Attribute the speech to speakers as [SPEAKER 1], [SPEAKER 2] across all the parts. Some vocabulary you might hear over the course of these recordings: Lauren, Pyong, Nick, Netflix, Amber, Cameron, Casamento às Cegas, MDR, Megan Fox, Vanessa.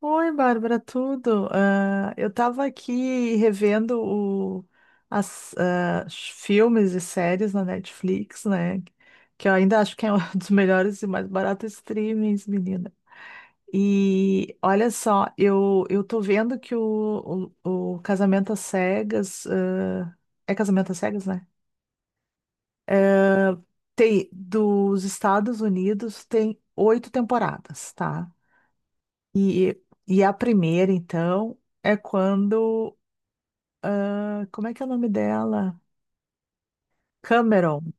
[SPEAKER 1] Oi, Bárbara, tudo? Eu estava aqui revendo o, os filmes e séries na Netflix, né? Que eu ainda acho que é um dos melhores e mais baratos streamings, menina. E olha só, eu tô vendo que o Casamento às Cegas, é Casamento às Cegas, né? Ah, tem, dos Estados Unidos tem 8 temporadas, tá? E, e a primeira, então, é quando. Ah, como é que é o nome dela? Cameron.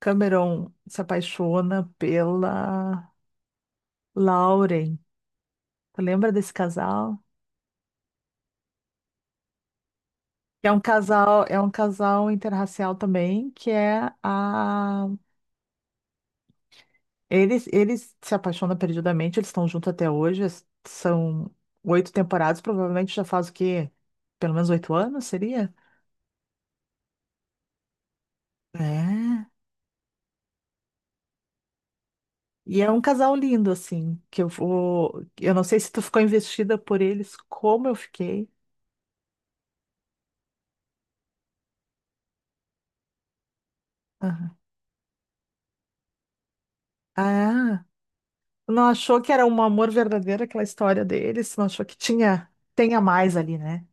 [SPEAKER 1] Cameron se apaixona pela Lauren. Tu lembra desse casal? É um casal, é um casal interracial também, que é a. Eles se apaixonam perdidamente, eles estão juntos até hoje, são 8 temporadas, provavelmente já faz o quê? Pelo menos 8 anos, seria? É. E é um casal lindo, assim, que eu vou. Eu não sei se tu ficou investida por eles, como eu fiquei. Aham. Ah, tu não achou que era um amor verdadeiro aquela história deles? Não achou que tinha, tenha mais ali, né?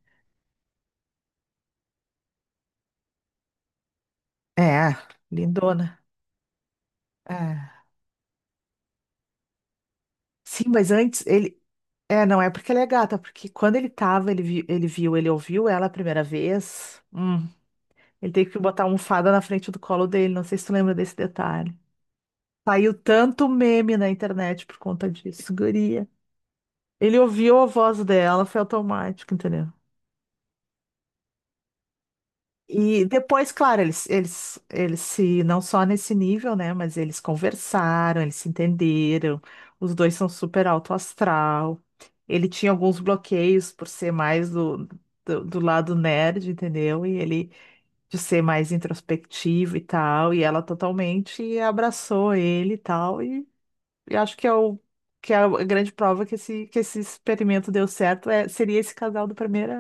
[SPEAKER 1] É, lindona. É. Sim, mas antes ele. É, não é porque ela é gata, porque quando ele tava, ele, ele viu, ele ouviu ela a primeira vez. Ele teve que botar a almofada na frente do colo dele. Não sei se tu lembra desse detalhe. Saiu tanto meme na internet por conta disso, guria. Ele ouviu a voz dela, foi automático, entendeu? E depois, claro, eles se, não só nesse nível, né? Mas eles conversaram, eles se entenderam. Os dois são super alto astral. Ele tinha alguns bloqueios por ser mais do lado nerd, entendeu? E ele de ser mais introspectivo e tal. E ela totalmente abraçou ele e tal. E acho que é o que é a grande prova que que esse experimento deu certo é, seria esse casal do primeiro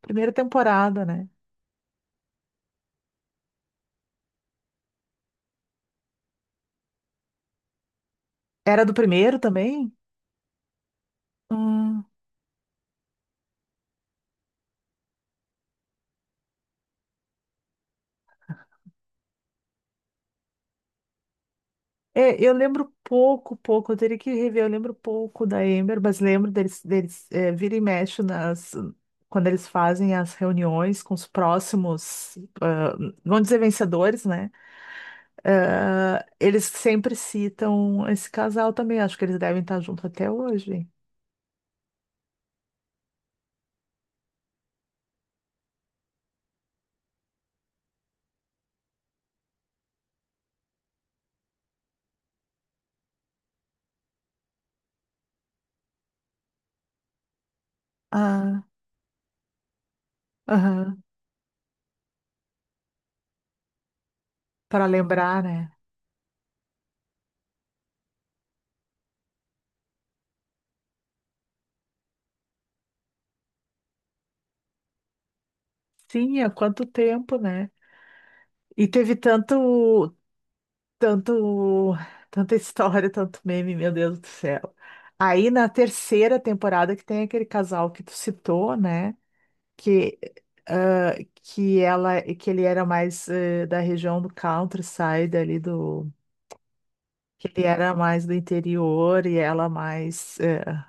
[SPEAKER 1] Primeira temporada, né? Era do primeiro também? Hum. É, eu lembro pouco, pouco. Eu teria que rever. Eu lembro pouco da Amber, mas lembro deles, deles é, vira e mexe nas, quando eles fazem as reuniões com os próximos, ah, vamos dizer, vencedores, né? Ah, eles sempre citam esse casal também. Acho que eles devem estar juntos até hoje. Ah, aham. Para lembrar, né? Sim, há quanto tempo, né? E teve tanto, tanto, tanta história, tanto meme, meu Deus do céu. Aí na 3ª temporada que tem aquele casal que tu citou, né? Que, ah, que ela, que ele era mais da região do countryside ali do, que ele era mais do interior e ela mais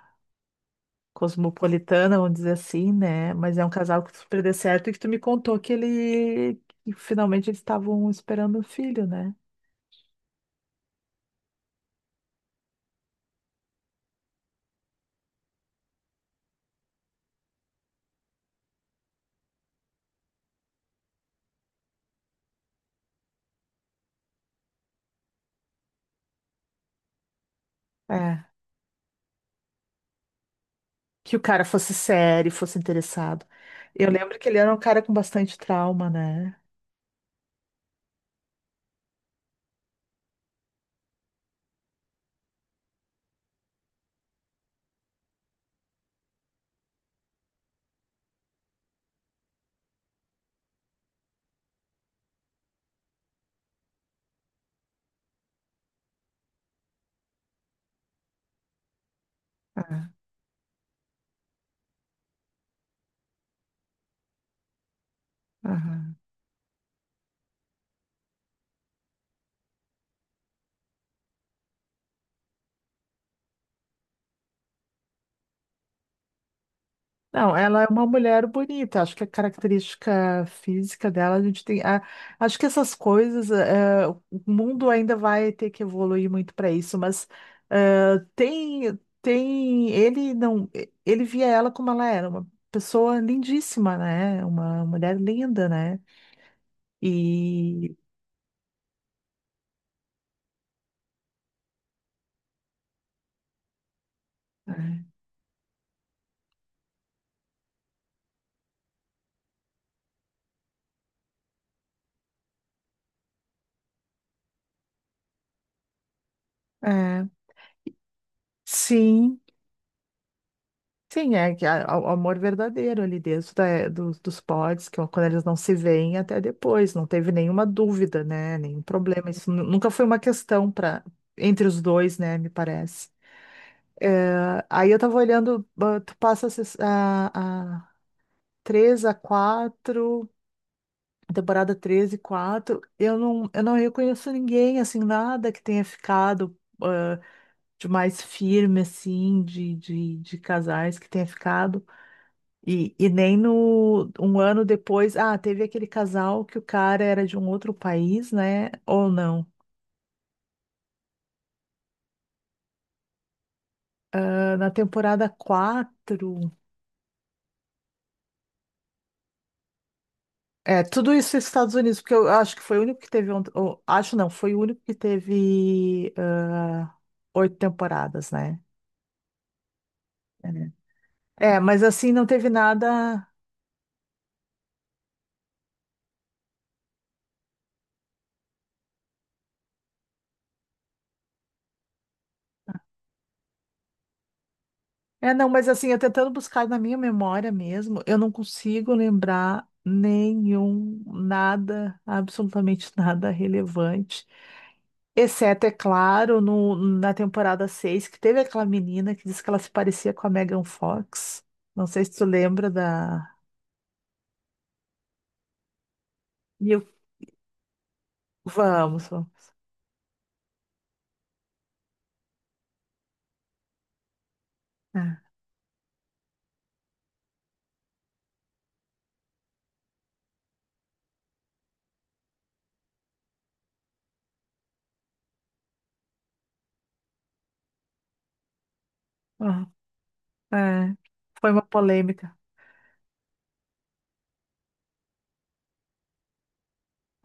[SPEAKER 1] cosmopolitana, vamos dizer assim, né? Mas é um casal que super deu certo e que tu me contou que ele, que finalmente eles estavam esperando um filho, né? É que o cara fosse sério, fosse interessado. Eu lembro que ele era um cara com bastante trauma, né? Ah, aham. Não, ela é uma mulher bonita. Acho que a característica física dela, a gente tem. Acho que essas coisas, o mundo ainda vai ter que evoluir muito para isso, mas tem, tem. Ele não. Ele via ela como ela era, uma pessoa lindíssima, né? Uma mulher linda, né? E. É, sim. Sim, é que o amor verdadeiro ali dentro dos, dos pods, que é quando eles não se veem até depois, não teve nenhuma dúvida, né? Nenhum problema. Isso nunca foi uma questão para entre os dois, né? Me parece. É, aí eu tava olhando, tu passa a, a 3 a 4, temporada 13 e 4 eu não reconheço ninguém, assim, nada que tenha ficado ah, de mais firme, assim, de casais que tenha ficado. E e nem no 1 ano depois, ah, teve aquele casal que o cara era de um outro país, né? Ou não? Ah, na temporada 4 É, tudo isso nos Estados Unidos, porque eu acho que foi o único que teve. Ou, acho não, foi o único que teve 8 temporadas, né? É, né? É, mas assim, não teve nada. É, não, mas assim, eu tentando buscar na minha memória mesmo, eu não consigo lembrar nenhum, nada, absolutamente nada relevante. Exceto, é claro, no, na temporada 6 que teve aquela menina que disse que ela se parecia com a Megan Fox. Não sei se tu lembra da. E eu- Vamos. Vamos. É, aham, é. Foi uma polêmica.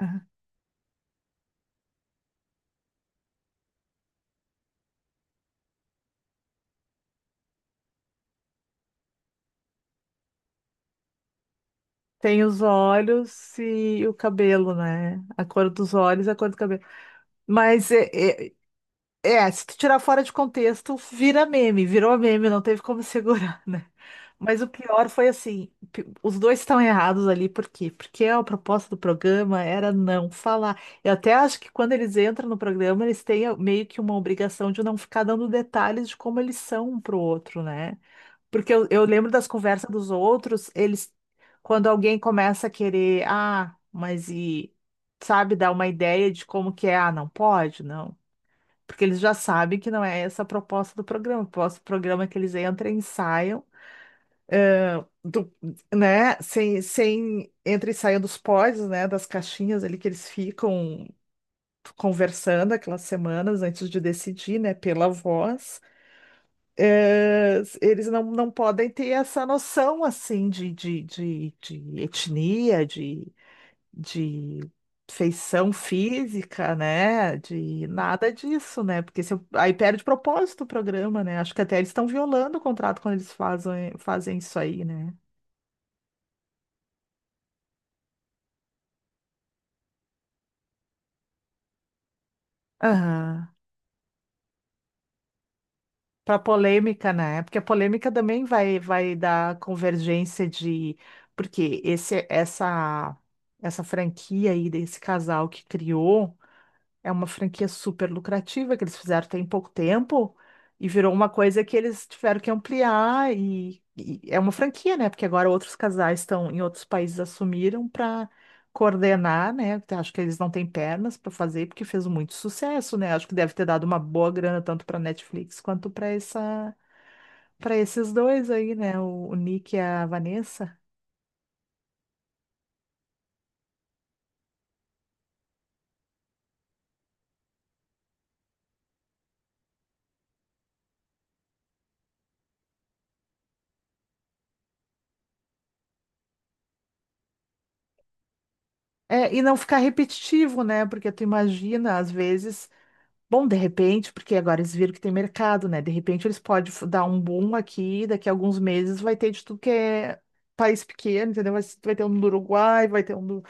[SPEAKER 1] É. Tem os olhos e o cabelo, né? A cor dos olhos, e a cor do cabelo. Mas é, é, é, se tu tirar fora de contexto, vira meme, virou meme, não teve como segurar, né? Mas o pior foi assim, os dois estão errados ali, por quê? Porque a proposta do programa era não falar. Eu até acho que quando eles entram no programa, eles têm meio que uma obrigação de não ficar dando detalhes de como eles são um pro outro, né? Porque eu lembro das conversas dos outros, eles, quando alguém começa a querer, ah, mas e, sabe, dar uma ideia de como que é, ah, não pode, não. Porque eles já sabem que não é essa a proposta do programa. O propósito do programa é que eles entram e saiam do, né? Sem, sem entra e saiam dos pods, né? Das caixinhas ali que eles ficam conversando aquelas semanas antes de decidir, né? Pela voz. É, eles não, não podem ter essa noção assim de etnia, de feição física, né? De nada disso, né? Porque se eu- aí perde propósito o programa, né? Acho que até eles estão violando o contrato quando eles fazem, fazem isso aí, né? Aham. Para polêmica, né? Porque a polêmica também vai, vai dar convergência de. Porque essa franquia aí desse casal que criou. É uma franquia super lucrativa que eles fizeram tem pouco tempo e virou uma coisa que eles tiveram que ampliar e é uma franquia, né? Porque agora outros casais estão em outros países assumiram para coordenar, né? Acho que eles não têm pernas para fazer porque fez muito sucesso, né? Acho que deve ter dado uma boa grana tanto para Netflix quanto para essa para esses dois aí, né? O Nick e a Vanessa. É, e não ficar repetitivo, né? Porque tu imagina, às vezes Bom, de repente, porque agora eles viram que tem mercado, né? De repente eles podem dar um boom aqui, daqui a alguns meses vai ter de tudo que é país pequeno, entendeu? Vai ter um do Uruguai, vai ter um do,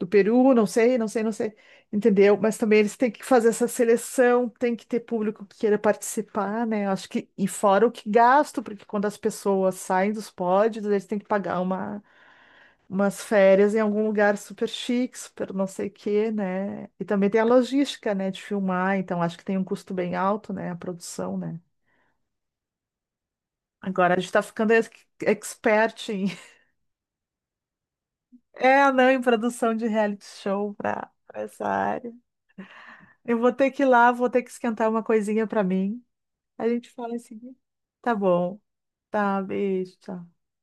[SPEAKER 1] do Peru, não sei, não sei, não sei, entendeu? Mas também eles têm que fazer essa seleção, tem que ter público que queira participar, né? Eu acho que, e fora o que gasto, porque quando as pessoas saem dos pódios, eles têm que pagar uma umas férias em algum lugar super chique, super não sei o quê, né? E também tem a logística, né, de filmar, então acho que tem um custo bem alto, né, a produção, né? Agora a gente tá ficando expert em, é, não, em produção de reality show pra, pra essa área. Eu vou ter que ir lá, vou ter que esquentar uma coisinha pra mim. A gente fala em seguida. Tá bom. Tá, beijo, tchau.